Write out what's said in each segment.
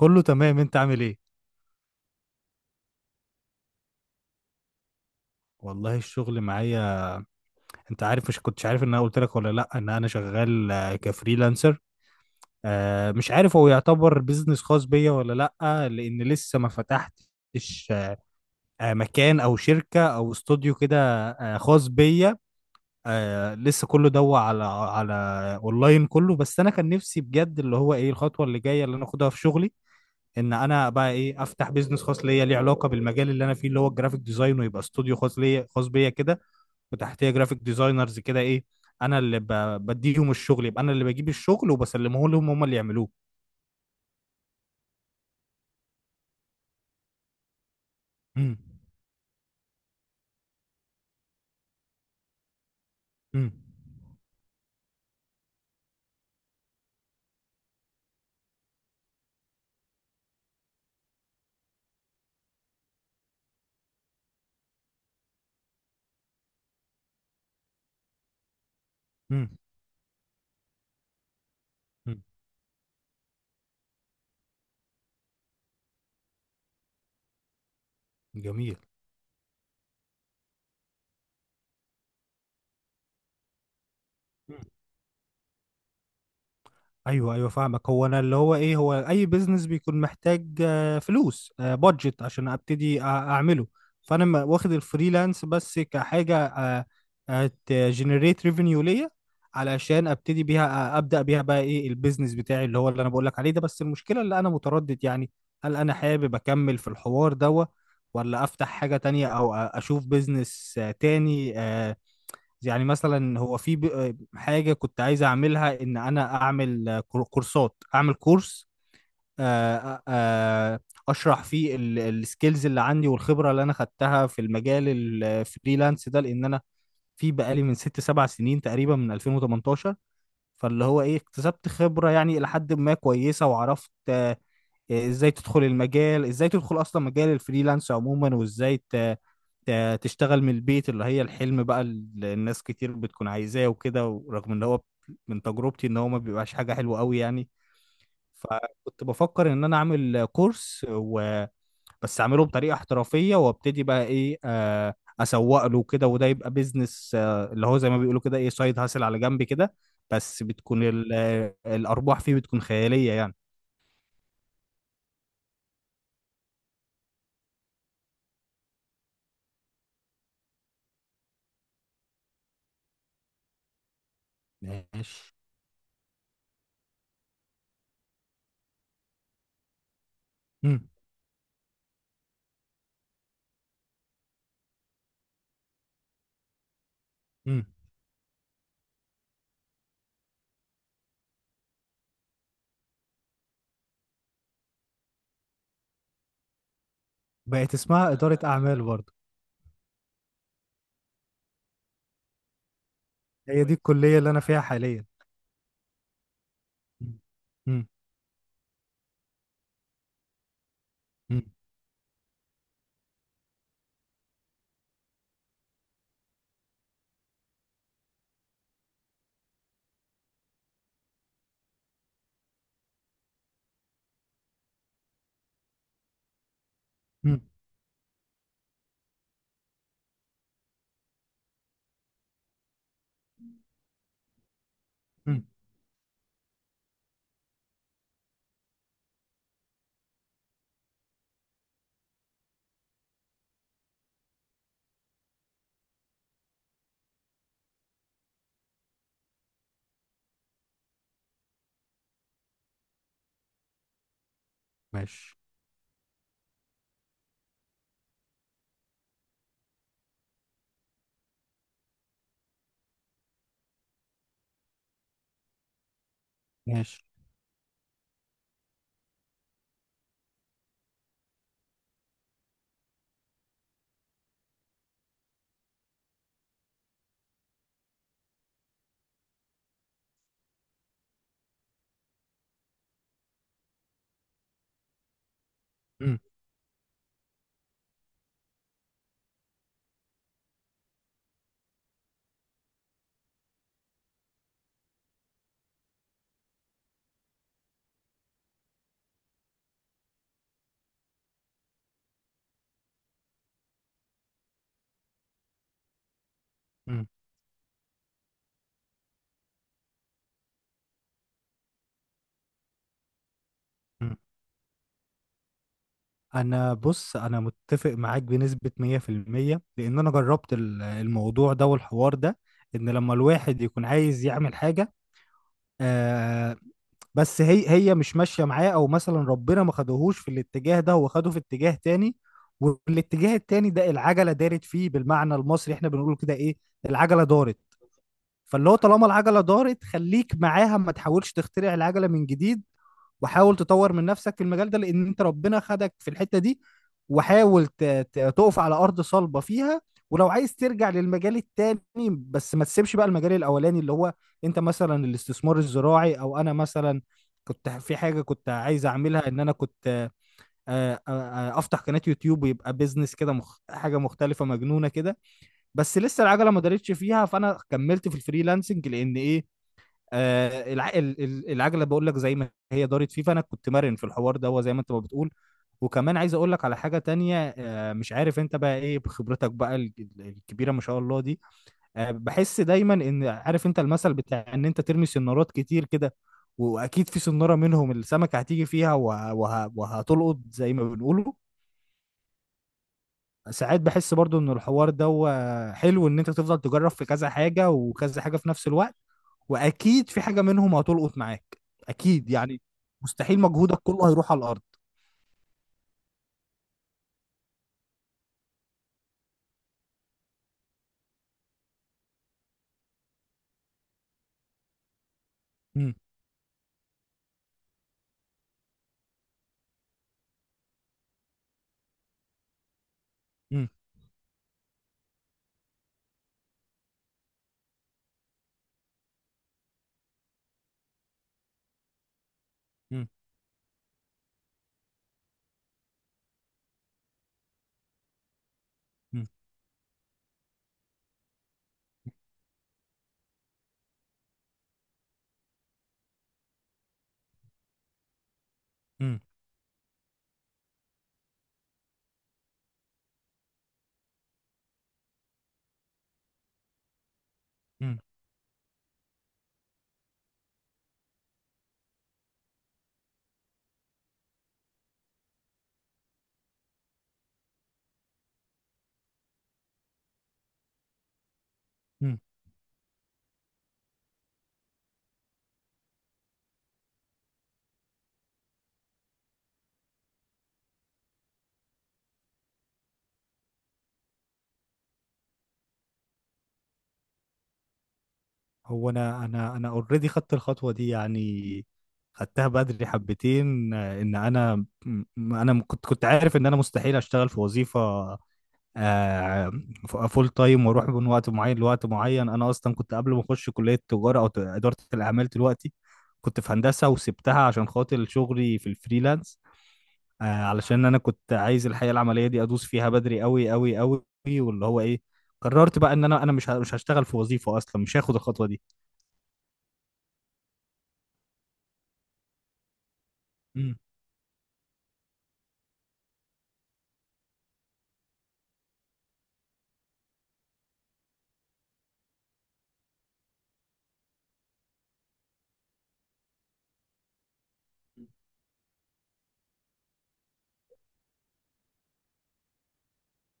كله تمام، انت عامل ايه؟ والله الشغل معايا. انت عارف، مش كنتش عارف ان انا قلت لك ولا لا ان انا شغال، كفريلانسر. مش عارف هو يعتبر بيزنس خاص بيا ولا لا، لان لسه ما فتحتش مكان او شركة او استوديو كده، خاص بيا. لسه كله دوا على اونلاين كله. بس انا كان نفسي بجد اللي هو ايه الخطوة اللي جاية اللي انا اخدها في شغلي، ان انا بقى ايه افتح بيزنس خاص ليا ليه علاقة بالمجال اللي انا فيه اللي هو الجرافيك ديزاين، ويبقى استوديو خاص ليا خاص بيا كده، وتحتيه جرافيك ديزاينرز كده ايه. انا اللي ب... بديهم الشغل، يبقى انا اللي بجيب الشغل وبسلمه لهم هم اللي يعملوه. امم امم امم جميل. ايوه ايوه، فاهمك. هو انا اللي هو ايه، هو اي بيزنس بيكون محتاج فلوس بادجت عشان ابتدي اعمله. فانا واخد الفريلانس بس كحاجه تجنريت ريفينيو ليا علشان ابتدي بيها، ابدا بيها بقى ايه البيزنس بتاعي اللي هو اللي انا بقول لك عليه ده. بس المشكله اللي انا متردد يعني هل انا حابب اكمل في الحوار دوا ولا افتح حاجه تانية، او اشوف بيزنس تاني يعني. مثلا هو في حاجة كنت عايز أعملها، إن أنا أعمل كورسات، أعمل كورس. آه، آه، أشرح فيه السكيلز اللي عندي والخبرة اللي أنا خدتها في المجال الفريلانس ده. لأن أنا في بقالي من 6 7 سنين تقريبا من 2018، فاللي هو إيه، اكتسبت خبرة يعني إلى حد ما كويسة، وعرفت إيه، ازاي تدخل المجال، ازاي تدخل اصلا مجال الفريلانس عموما، وازاي تشتغل من البيت اللي هي الحلم بقى اللي الناس كتير بتكون عايزاه وكده. ورغم ان هو من تجربتي ان هو ما بيبقاش حاجة حلوة قوي يعني. فكنت بفكر ان انا اعمل كورس بس اعمله بطريقة احترافية، وابتدي بقى ايه اسوق له كده، وده يبقى بيزنس، اللي هو زي ما بيقولوا كده ايه سايد هاسل على جنب كده. بس بتكون ال... آه، الارباح فيه بتكون خيالية يعني. ماشي. مم. مم. بقت اسمها إدارة أعمال برضه. هي دي الكلية اللي أنا فيها حاليا. مم. مم. مم. مم. مم. ماشي. ماشي. مم. مم. مم. أنا بص، أنا متفق معاك بنسبة 100% لأن أنا جربت الموضوع ده والحوار ده. إن لما الواحد يكون عايز يعمل حاجة آه، بس هي مش ماشية معاه، أو مثلا ربنا ما خدهوش في الاتجاه ده، هو خده في اتجاه تاني. والاتجاه التاني ده العجلة دارت فيه. بالمعنى المصري احنا بنقول كده إيه، العجلة دارت. فاللي هو طالما العجله دارت خليك معاها، ما تحاولش تخترع العجله من جديد. وحاول تطور من نفسك في المجال ده، لان انت ربنا خدك في الحته دي. وحاول تقف على ارض صلبه فيها. ولو عايز ترجع للمجال التاني، بس ما تسيبش بقى المجال الاولاني اللي هو انت مثلا الاستثمار الزراعي، او انا مثلا كنت في حاجه كنت عايز اعملها، ان انا كنت افتح قناه يوتيوب، ويبقى بيزنس كده حاجه مختلفه مجنونه كده. بس لسه العجله ما دارتش فيها، فانا كملت في الفريلانسنج لان ايه، العجله بقول لك زي ما هي دارت فيه، فانا كنت مرن في الحوار ده، هو زي ما انت ما بتقول. وكمان عايز اقول لك على حاجه تانية، مش عارف انت بقى ايه بخبرتك بقى الكبيره ما شاء الله دي. بحس دايما ان، عارف انت المثل بتاع ان انت ترمي سنارات كتير كده، واكيد في سناره منهم السمكه هتيجي فيها وهتلقط زي ما بنقوله. ساعات بحس برضو ان الحوار ده هو حلو ان انت تفضل تجرب في كذا حاجة وكذا حاجة في نفس الوقت، واكيد في حاجة منهم هتلقط معاك، اكيد يعني. مستحيل مجهودك كله هيروح على الارض. مم، مم، مم، مم، مم، مم، مم. هو انا انا اوريدي خدت الخطوة دي يعني. خدتها بدري حبتين، ان انا كنت عارف ان انا مستحيل اشتغل في وظيفة آه، فول تايم واروح من وقت معين لوقت معين. انا اصلا كنت قبل ما اخش كليه التجاره او اداره الاعمال دلوقتي، كنت في هندسه وسبتها عشان خاطر شغلي في الفريلانس. علشان انا كنت عايز الحياه العمليه دي ادوس فيها بدري قوي قوي قوي، واللي هو ايه، قررت بقى ان انا مش هشتغل في وظيفه اصلا، مش هاخد الخطوه دي. مم.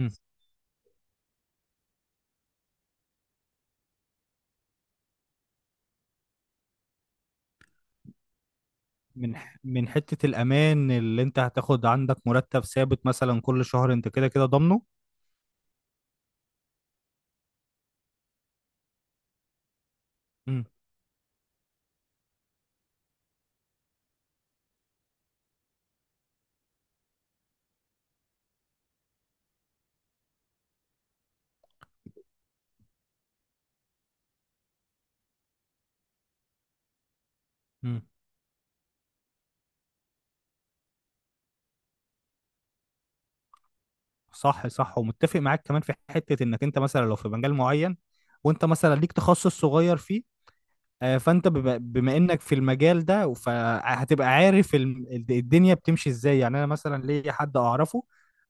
مم. من من حته الامان اللي انت هتاخد عندك مرتب ثابت مثلا كل شهر، انت كده كده ضامنه. مم. مم. صح صح، ومتفق معاك كمان في حتة انك انت مثلا لو في مجال معين، وانت مثلا ليك تخصص صغير فيه فانت بما انك في المجال ده فهتبقى عارف الدنيا بتمشي ازاي. يعني انا مثلا ليا حد اعرفه،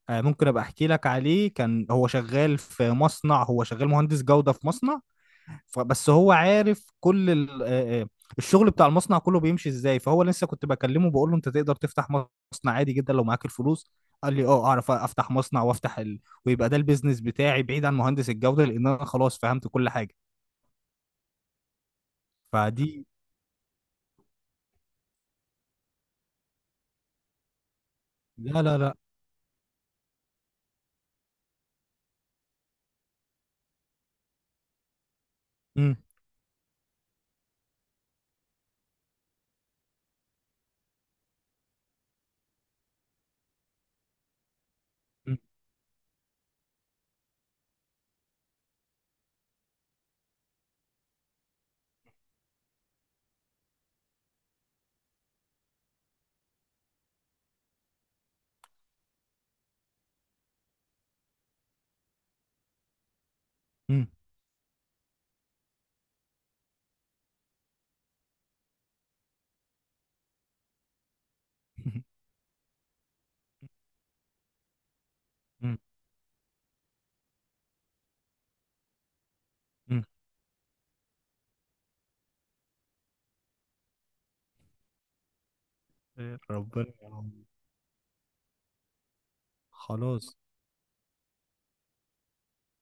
ممكن ابقى احكي لك عليه. كان هو شغال في مصنع، هو شغال مهندس جودة في مصنع. فبس هو عارف كل الشغل بتاع المصنع كله بيمشي ازاي. فهو لسه كنت بكلمه بقول له انت تقدر تفتح مصنع عادي جدا لو معاك الفلوس. قال لي اه، اعرف افتح مصنع ويبقى ده البيزنس بتاعي بعيد عن مهندس الجودة، لان انا خلاص فهمت كل حاجة. فدي. لا لا لا. مم، مم، مم، مم، مم. ربنا يعوض. خلاص.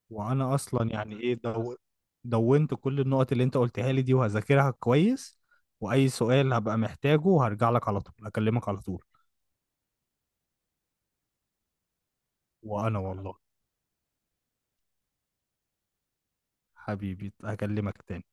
وانا اصلا يعني ايه دونت كل النقط اللي انت قلتها لي دي، وهذاكرها كويس. واي سؤال هبقى محتاجه هرجع لك على طول، اكلمك على طول. وانا والله، حبيبي هكلمك تاني.